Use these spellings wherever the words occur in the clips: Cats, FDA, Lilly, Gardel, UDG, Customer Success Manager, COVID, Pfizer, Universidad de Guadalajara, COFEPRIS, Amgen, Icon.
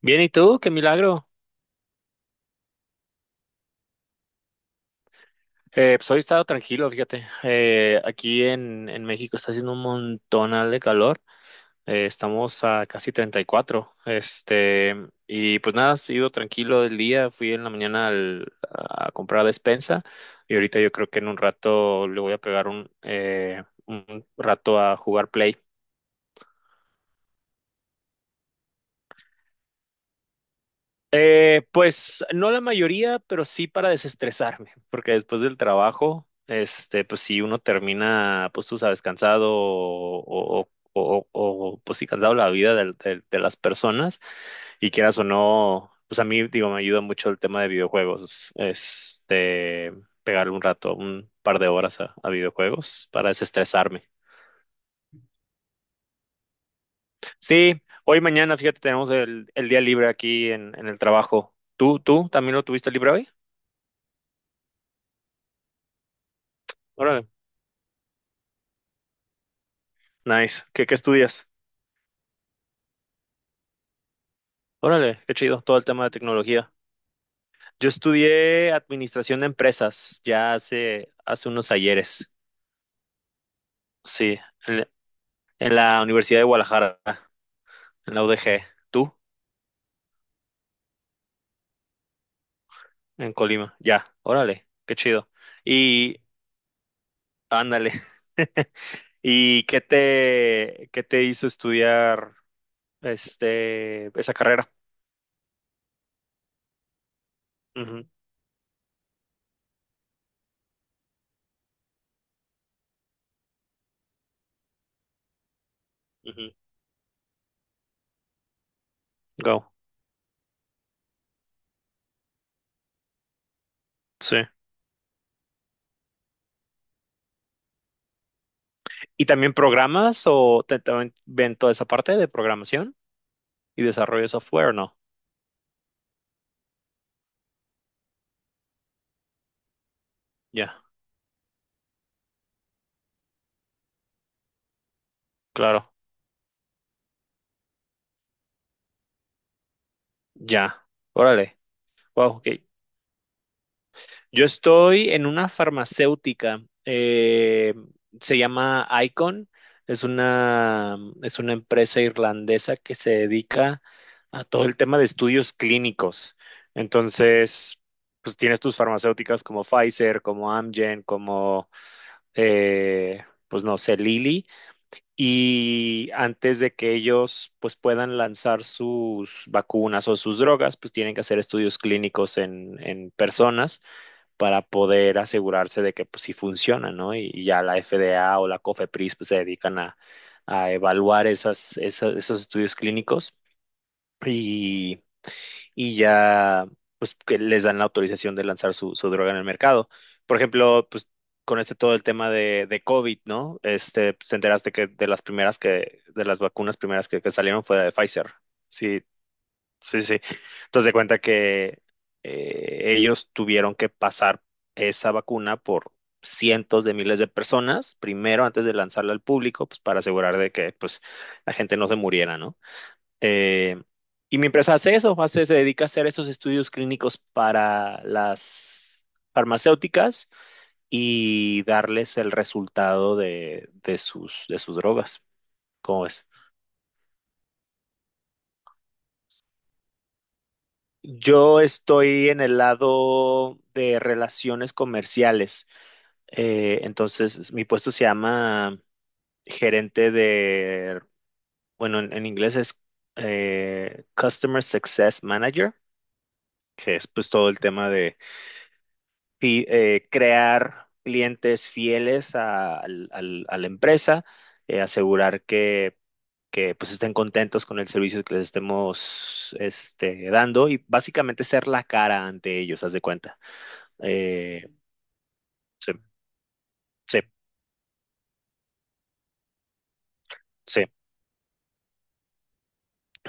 Bien, ¿y tú? ¡Qué milagro! Pues hoy he estado tranquilo, fíjate. Aquí en México está haciendo un montonal de calor. Estamos a casi 34, y pues nada, ha sido tranquilo el día. Fui en la mañana a comprar despensa y ahorita yo creo que en un rato le voy a pegar un rato a jugar Play. Pues no la mayoría, pero sí para desestresarme, porque después del trabajo, este, pues si uno termina, pues tú sabes, cansado o, pues sí, cansado la vida de las personas, y quieras o no, pues a mí, digo, me ayuda mucho el tema de videojuegos, este, pegarle un rato, un par de horas a videojuegos para desestresarme. Sí, hoy mañana, fíjate, tenemos el día libre aquí en el trabajo. ¿Tú también lo tuviste libre hoy? Órale. Nice. ¿Qué estudias? Órale, qué chido, todo el tema de tecnología. Yo estudié administración de empresas ya hace unos ayeres, sí, en, la en la Universidad de Guadalajara, en la UDG. ¿Tú? En Colima, ya. Órale, qué chido. Y ándale. ¿Y qué qué te hizo estudiar esa carrera? Ujú, ujú. Go. Sí. ¿Y también programas o también ven toda esa parte de programación y desarrollo de software, ¿o ¿no? Ya, claro, ya. Órale. Wow, ok. Yo estoy en una farmacéutica. Se llama Icon. Es una, es una empresa irlandesa que se dedica a todo el tema de estudios clínicos. Entonces, pues tienes tus farmacéuticas como Pfizer, como Amgen, pues no sé, Lilly. Y antes de que ellos pues puedan lanzar sus vacunas o sus drogas, pues tienen que hacer estudios clínicos en personas para poder asegurarse de que pues sí funcionan, ¿no? Y ya la FDA o la COFEPRIS pues se dedican a evaluar esos estudios clínicos. Y y ya pues que les dan la autorización de lanzar su droga en el mercado. Por ejemplo, pues con este todo el tema de COVID, ¿no? Este, pues, te enteraste que de las primeras que, de las vacunas primeras que salieron fue la de Pfizer. Sí, sí, sí. Entonces de cuenta que ellos tuvieron que pasar esa vacuna por cientos de miles de personas primero antes de lanzarla al público, pues para asegurar de que pues la gente no se muriera, ¿no? Eh, y mientras hace eso, hace, se dedica a hacer esos estudios clínicos para las farmacéuticas y darles el resultado de sus drogas. ¿Cómo es? Yo estoy en el lado de relaciones comerciales. Entonces, mi puesto se llama gerente de, bueno, en inglés es Customer Success Manager, que es pues todo el tema de crear clientes fieles a la empresa, asegurar que pues estén contentos con el servicio que les estemos este, dando, y básicamente ser la cara ante ellos, haz de cuenta. Eh, sí, sí, sí.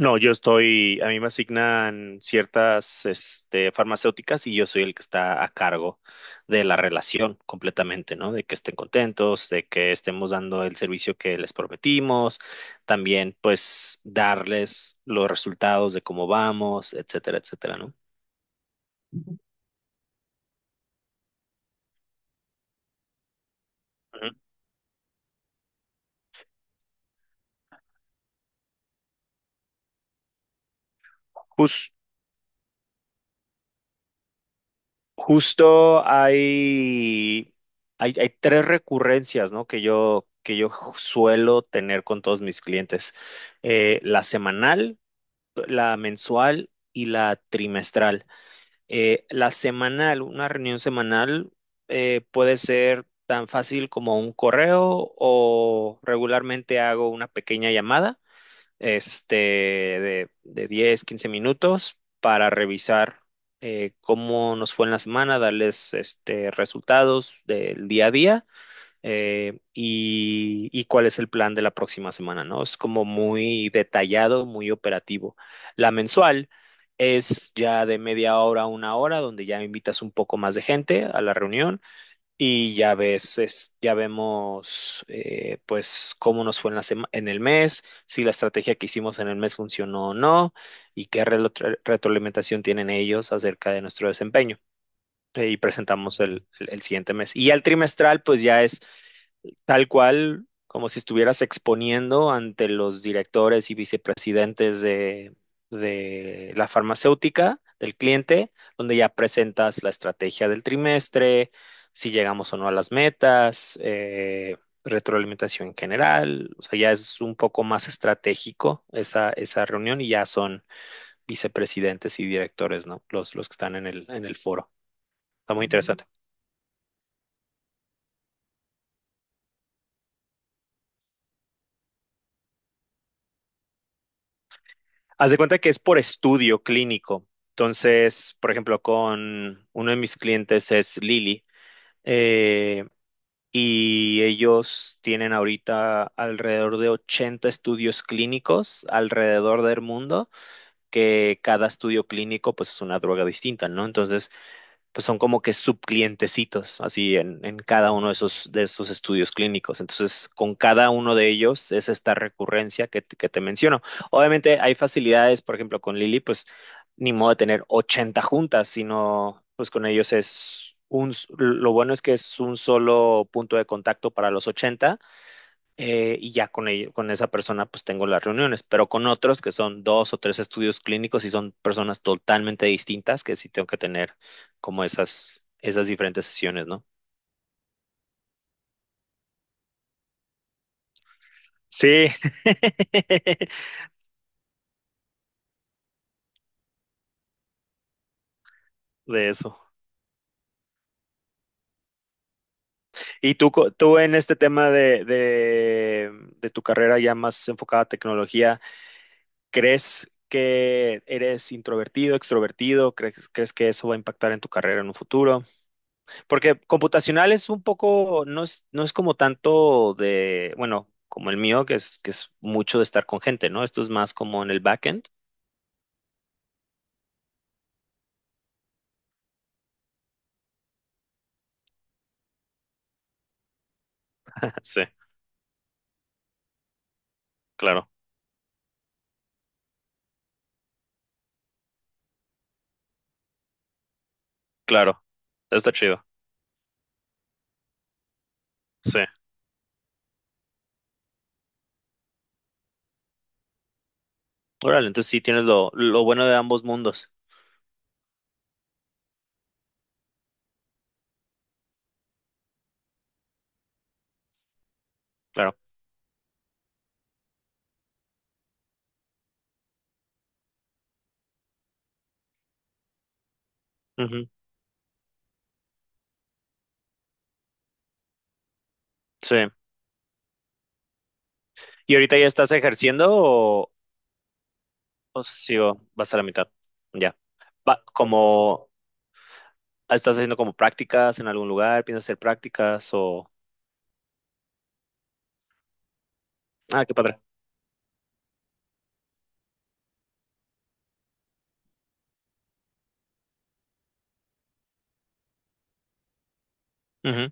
No, yo estoy, a mí me asignan ciertas, este, farmacéuticas, y yo soy el que está a cargo de la relación completamente, ¿no? De que estén contentos, de que estemos dando el servicio que les prometimos, también pues darles los resultados de cómo vamos, etcétera, etcétera, ¿no? Ujú. Jus- Justo hay tres recurrencias, ¿no? Que yo suelo tener con todos mis clientes. La semanal, la mensual y la trimestral. La semanal, una reunión semanal, puede ser tan fácil como un correo o regularmente hago una pequeña llamada, este, de 10 15 minutos para revisar cómo nos fue en la semana, darles este, resultados del día a día, y cuál es el plan de la próxima semana, ¿no? Es como muy detallado, muy operativo. La mensual es ya de media hora a una hora, donde ya invitas un poco más de gente a la reunión, y ya ves, ya vemos pues cómo nos fue en en el mes, si la estrategia que hicimos en el mes funcionó o no y qué retroalimentación tienen ellos acerca de nuestro desempeño. Y presentamos el el siguiente mes. Y ya el trimestral, pues ya es tal cual como si estuvieras exponiendo ante los directores y vicepresidentes de la farmacéutica, del cliente, donde ya presentas la estrategia del trimestre, si llegamos o no a las metas, retroalimentación en general, o sea, ya es un poco más estratégico esa, esa reunión, y ya son vicepresidentes y directores, ¿no? Los que están en en el foro. Está muy interesante. Haz de cuenta que es por estudio clínico. Entonces, por ejemplo, con uno de mis clientes es Lili, eh, y ellos tienen ahorita alrededor de 80 estudios clínicos alrededor del mundo, que cada estudio clínico pues es una droga distinta, ¿no? Entonces, pues son como que subclientecitos, así en cada uno de esos estudios clínicos. Entonces, con cada uno de ellos es esta recurrencia que te menciono. Obviamente hay facilidades, por ejemplo, con Lili, pues ni modo de tener 80 juntas, sino pues con ellos es lo bueno es que es un solo punto de contacto para los 80, y ya con, con esa persona pues tengo las reuniones, pero con otros que son dos o tres estudios clínicos y son personas totalmente distintas que sí tengo que tener como esas, esas diferentes sesiones, ¿no? Sí, de eso. ¿Y tú, tú en este tema de tu carrera ya más enfocada a tecnología, crees que eres introvertido, extrovertido? ¿Crees que eso va a impactar en tu carrera en un futuro? Porque computacional es un poco, no es, no es como tanto de, bueno, como el mío, que es mucho de estar con gente, ¿no? Esto es más como en el backend. Sí, claro, claro. Eso está chido. Sí. Órale, entonces sí tienes lo bueno de ambos mundos. Claro. Ujú. Sí. ¿Y ahorita ya estás ejerciendo o sí, o vas a la mitad? Ya. Va, como, ¿estás haciendo como prácticas en algún lugar? ¿Piensas hacer prácticas o...? Ah, qué padre. Ujú,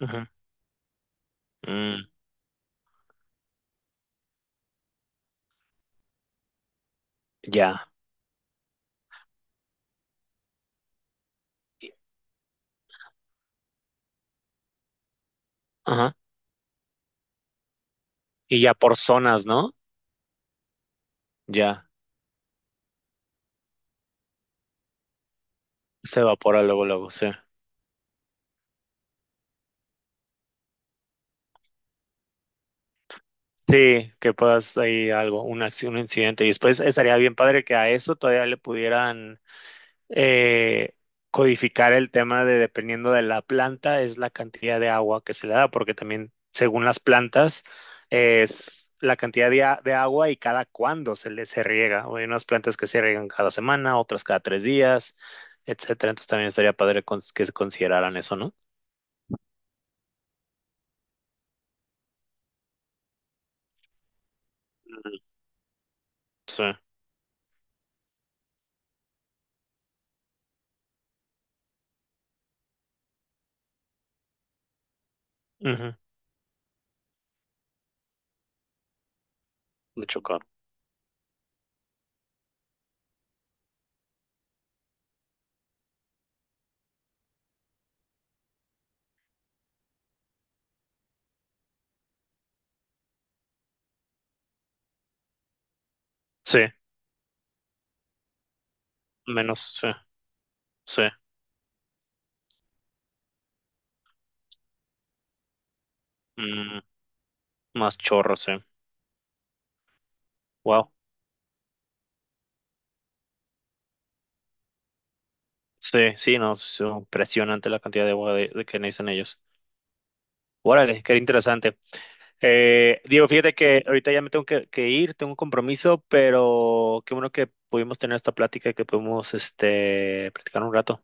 ujú. Mm, ya. Ajá. Y ya por zonas, ¿no? Ya se evapora luego, luego, sí. Sí, que puedas ahí algo, un incidente. Y después estaría bien padre que a eso todavía le pudieran eh, codificar el tema de dependiendo de la planta, es la cantidad de agua que se le da, porque también según las plantas es la cantidad de agua y cada cuándo se riega. O hay unas plantas que se riegan cada semana, otras cada tres días, etcétera. Entonces también estaría padre que se consideraran eso, ¿no? Ujú. Sí. Ujú. De chocar. Sí, menos, sí, sí. Mm, más chorro, sí. Wow. Sí, sí, no, es impresionante la cantidad de agua de que necesitan ellos. Órale, qué interesante. Diego, fíjate que ahorita ya me tengo que ir, tengo un compromiso, pero qué bueno que pudimos tener esta plática y que pudimos este, platicar un rato.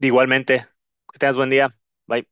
Igualmente, que tengas buen día. Bye.